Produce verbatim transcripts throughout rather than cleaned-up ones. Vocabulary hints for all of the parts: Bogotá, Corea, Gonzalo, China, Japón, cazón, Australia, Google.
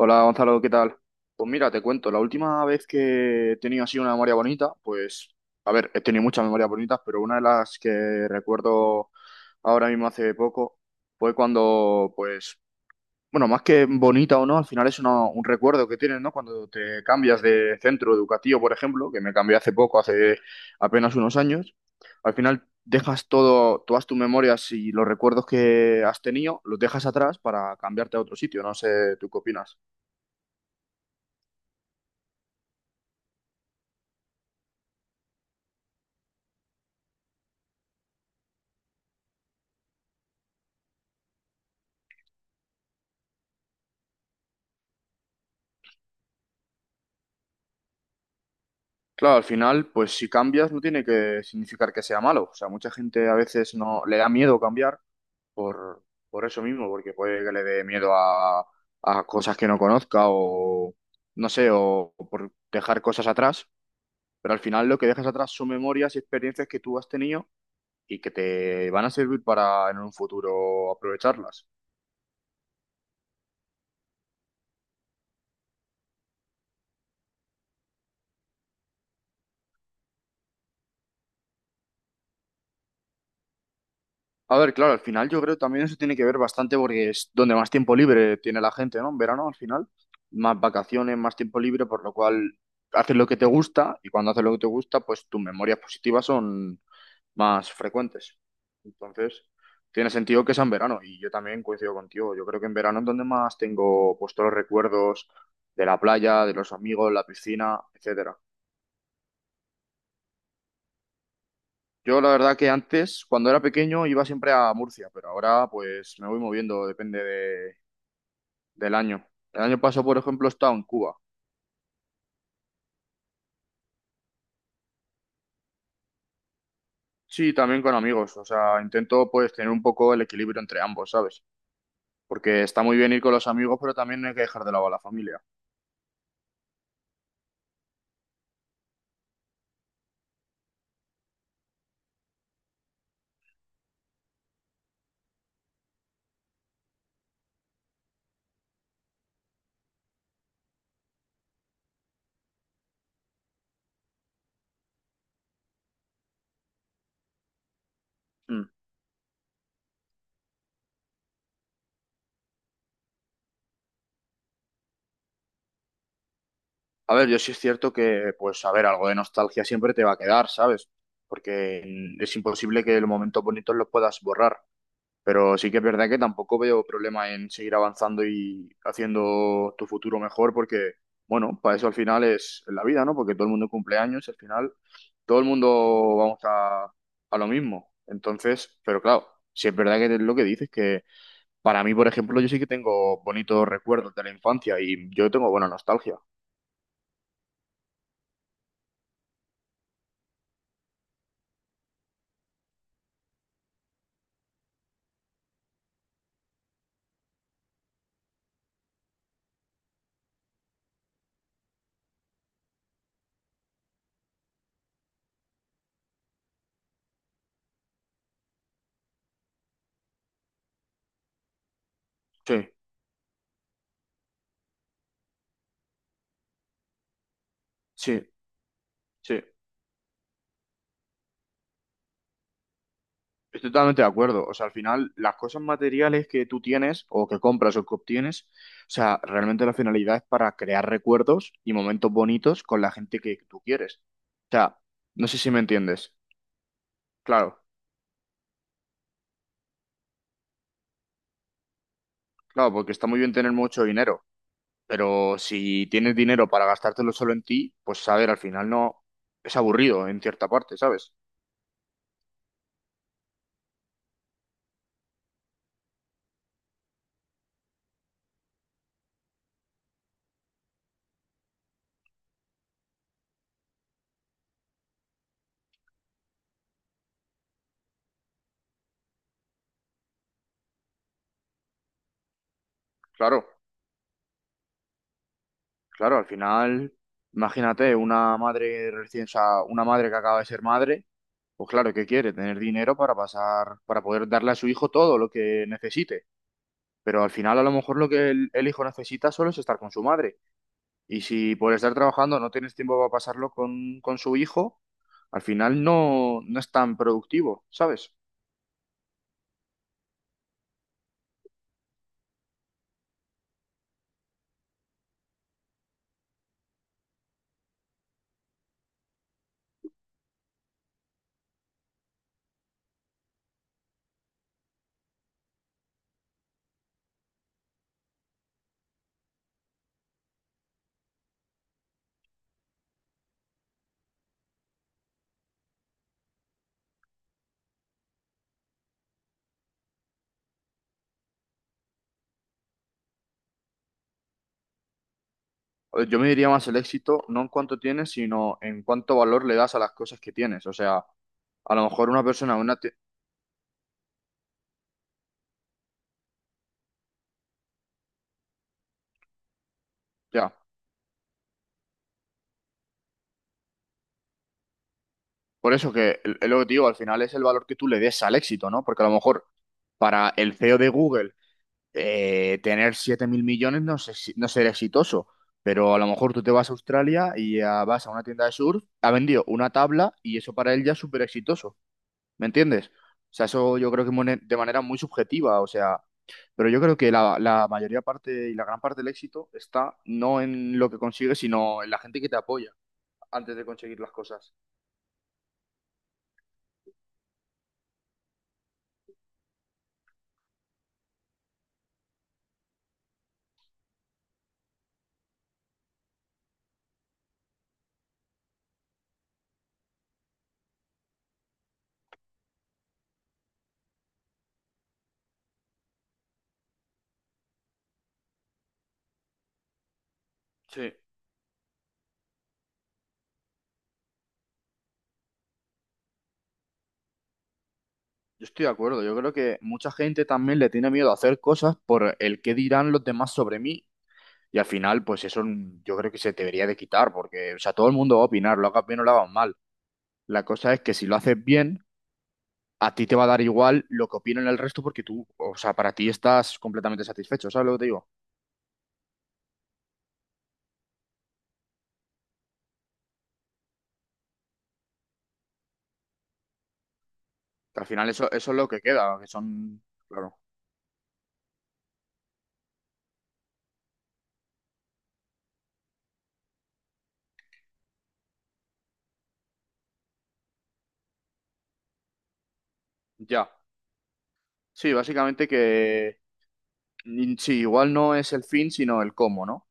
Hola Gonzalo, ¿qué tal? Pues mira, te cuento, la última vez que he tenido así una memoria bonita, pues, a ver, he tenido muchas memorias bonitas, pero una de las que recuerdo ahora mismo hace poco fue cuando, pues, bueno, más que bonita o no, al final es una- un recuerdo que tienes, ¿no? Cuando te cambias de centro educativo, por ejemplo, que me cambié hace poco, hace apenas unos años, al final dejas todo, todas tus memorias y los recuerdos que has tenido, los dejas atrás para cambiarte a otro sitio, no sé, ¿tú qué opinas? Claro, al final, pues si cambias no tiene que significar que sea malo. O sea, mucha gente a veces no le da miedo cambiar por, por eso mismo, porque puede que le dé miedo a, a cosas que no conozca o no sé, o, o por dejar cosas atrás. Pero al final lo que dejas atrás son memorias y experiencias que tú has tenido y que te van a servir para en un futuro aprovecharlas. A ver, claro, al final yo creo que también eso tiene que ver bastante porque es donde más tiempo libre tiene la gente, ¿no? En verano, al final, más vacaciones, más tiempo libre, por lo cual haces lo que te gusta y cuando haces lo que te gusta, pues tus memorias positivas son más frecuentes. Entonces, tiene sentido que sea en verano y yo también coincido contigo. Yo creo que en verano es donde más tengo pues todos los recuerdos de la playa, de los amigos, la piscina, etcétera. Yo la verdad que antes, cuando era pequeño, iba siempre a Murcia, pero ahora pues me voy moviendo, depende de del año. El año pasado, por ejemplo, he estado en Cuba. Sí, también con amigos. O sea, intento pues tener un poco el equilibrio entre ambos, ¿sabes? Porque está muy bien ir con los amigos, pero también no hay que dejar de lado a la familia. Mm. A ver, yo sí es cierto que, pues, a ver, algo de nostalgia siempre te va a quedar, ¿sabes? Porque mm, es imposible que los momentos bonitos los puedas borrar. Pero sí que es verdad que tampoco veo problema en seguir avanzando y haciendo tu futuro mejor porque, bueno, para eso al final es la vida, ¿no? Porque todo el mundo cumple años, al final todo el mundo vamos a, a lo mismo. Entonces, pero claro, sí es verdad que es lo que dices, que para mí, por ejemplo, yo sí que tengo bonitos recuerdos de la infancia y yo tengo buena nostalgia. Sí, sí, sí. Estoy totalmente de acuerdo. O sea, al final, las cosas materiales que tú tienes o que compras o que obtienes, o sea, realmente la finalidad es para crear recuerdos y momentos bonitos con la gente que tú quieres. O sea, no sé si me entiendes. Claro, claro, porque está muy bien tener mucho dinero, pero si tienes dinero para gastártelo solo en ti, pues a ver, al final no es aburrido en cierta parte, ¿sabes? Claro. Claro, al final, imagínate, una madre recién, o sea, una madre que acaba de ser madre, pues claro, ¿qué quiere? Tener dinero para pasar, para poder darle a su hijo todo lo que necesite. Pero al final, a lo mejor lo que el, el hijo necesita solo es estar con su madre. Y si por estar trabajando no tienes tiempo para pasarlo con, con su hijo, al final no, no es tan productivo, ¿sabes? Yo me diría más el éxito, no en cuánto tienes, sino en cuánto valor le das a las cosas que tienes. O sea, a lo mejor una persona, una... ti- Ya. Por eso que el- Lo que te digo, al final es el valor que tú le des al éxito, ¿no? Porque a lo mejor para el C E O de Google eh, tener siete mil millones no sé si- no ser exitoso, pero a lo mejor tú te vas a Australia y ah, vas a una tienda de surf, ha vendido una tabla y eso para él ya es súper exitoso, ¿me entiendes? O sea, eso yo creo que mone- de manera muy subjetiva, o sea, pero yo creo que la, la mayoría parte y la gran parte del éxito está no en lo que consigues, sino en la gente que te apoya antes de conseguir las cosas. Sí. Yo estoy de acuerdo, yo creo que mucha gente también le tiene miedo a hacer cosas por el qué dirán los demás sobre mí y al final pues eso mm, yo creo que se debería de quitar porque o sea, todo el mundo va a opinar, lo hagas bien o lo hagas mal. La cosa es que si lo haces bien, a ti te va a dar igual lo que opinen el resto porque tú, o sea, para ti estás completamente satisfecho, ¿sabes lo que te digo? Que al final eso, eso es lo que queda, que son, claro, ya. Sí, básicamente que mm, sí, igual no es el fin, sino el cómo, ¿no?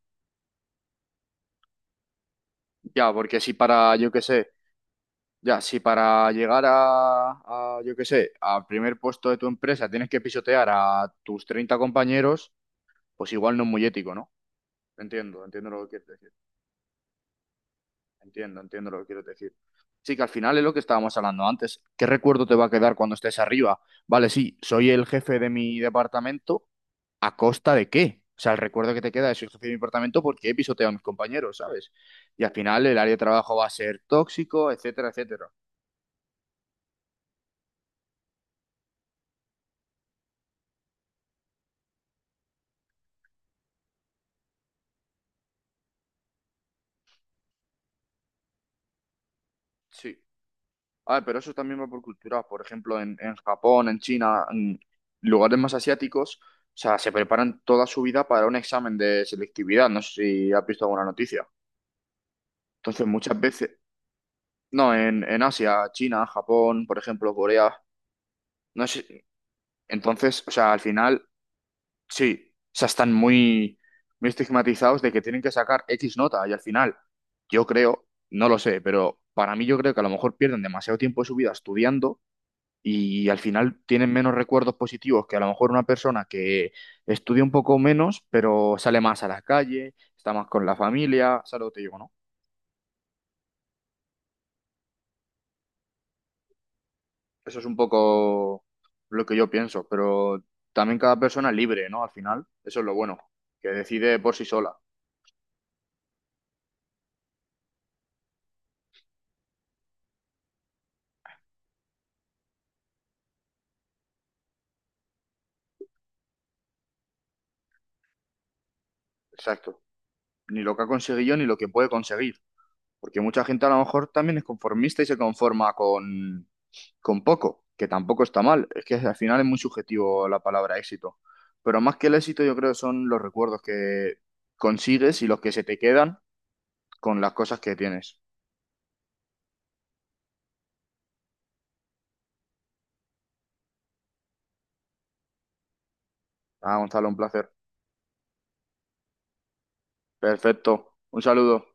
Ya, porque si para, yo qué sé. Ya, si para llegar a, a, yo qué sé, al primer puesto de tu empresa tienes que pisotear a tus treinta compañeros, pues igual no es muy ético, ¿no? Entiendo, entiendo lo que quieres decir. Entiendo, entiendo lo que quieres decir. Sí, que al final es lo que estábamos hablando antes. ¿Qué recuerdo te va a quedar cuando estés arriba? Vale, sí, soy el jefe de mi departamento, ¿a costa de qué? O sea, el recuerdo que te queda es soy el jefe de mi departamento porque he pisoteado a mis compañeros, ¿sabes? Y al final el área de trabajo va a ser tóxico, etcétera, etcétera. Sí. Ah, pero eso también va por cultura. Por ejemplo, en, en Japón, en China, en lugares más asiáticos, o sea, se preparan toda su vida para un examen de selectividad. No sé si has visto alguna noticia. Entonces, muchas veces, no, en, en Asia, China, Japón, por ejemplo, Corea, no sé. Entonces, o sea, al final, sí, o sea, están muy, muy estigmatizados de que tienen que sacar X nota y al final, yo creo, no lo sé, pero para mí yo creo que a lo mejor pierden demasiado tiempo de su vida estudiando y al final tienen menos recuerdos positivos que a lo mejor una persona que estudia un poco menos, pero sale más a la calle, está más con la familia, ¿sabes lo que te digo, no? Eso es un poco lo que yo pienso, pero también cada persona es libre, ¿no? Al final, eso es lo bueno, que decide por sí sola. Exacto. Ni lo que ha conseguido ni lo que puede conseguir. Porque mucha gente a lo mejor también es conformista y se conforma con, con poco, que tampoco está mal. Es que al final es muy subjetivo la palabra éxito. Pero más que el éxito, yo creo que son los recuerdos que consigues y los que se te quedan con las cosas que tienes. Ah, Gonzalo, un placer. Perfecto. Un saludo.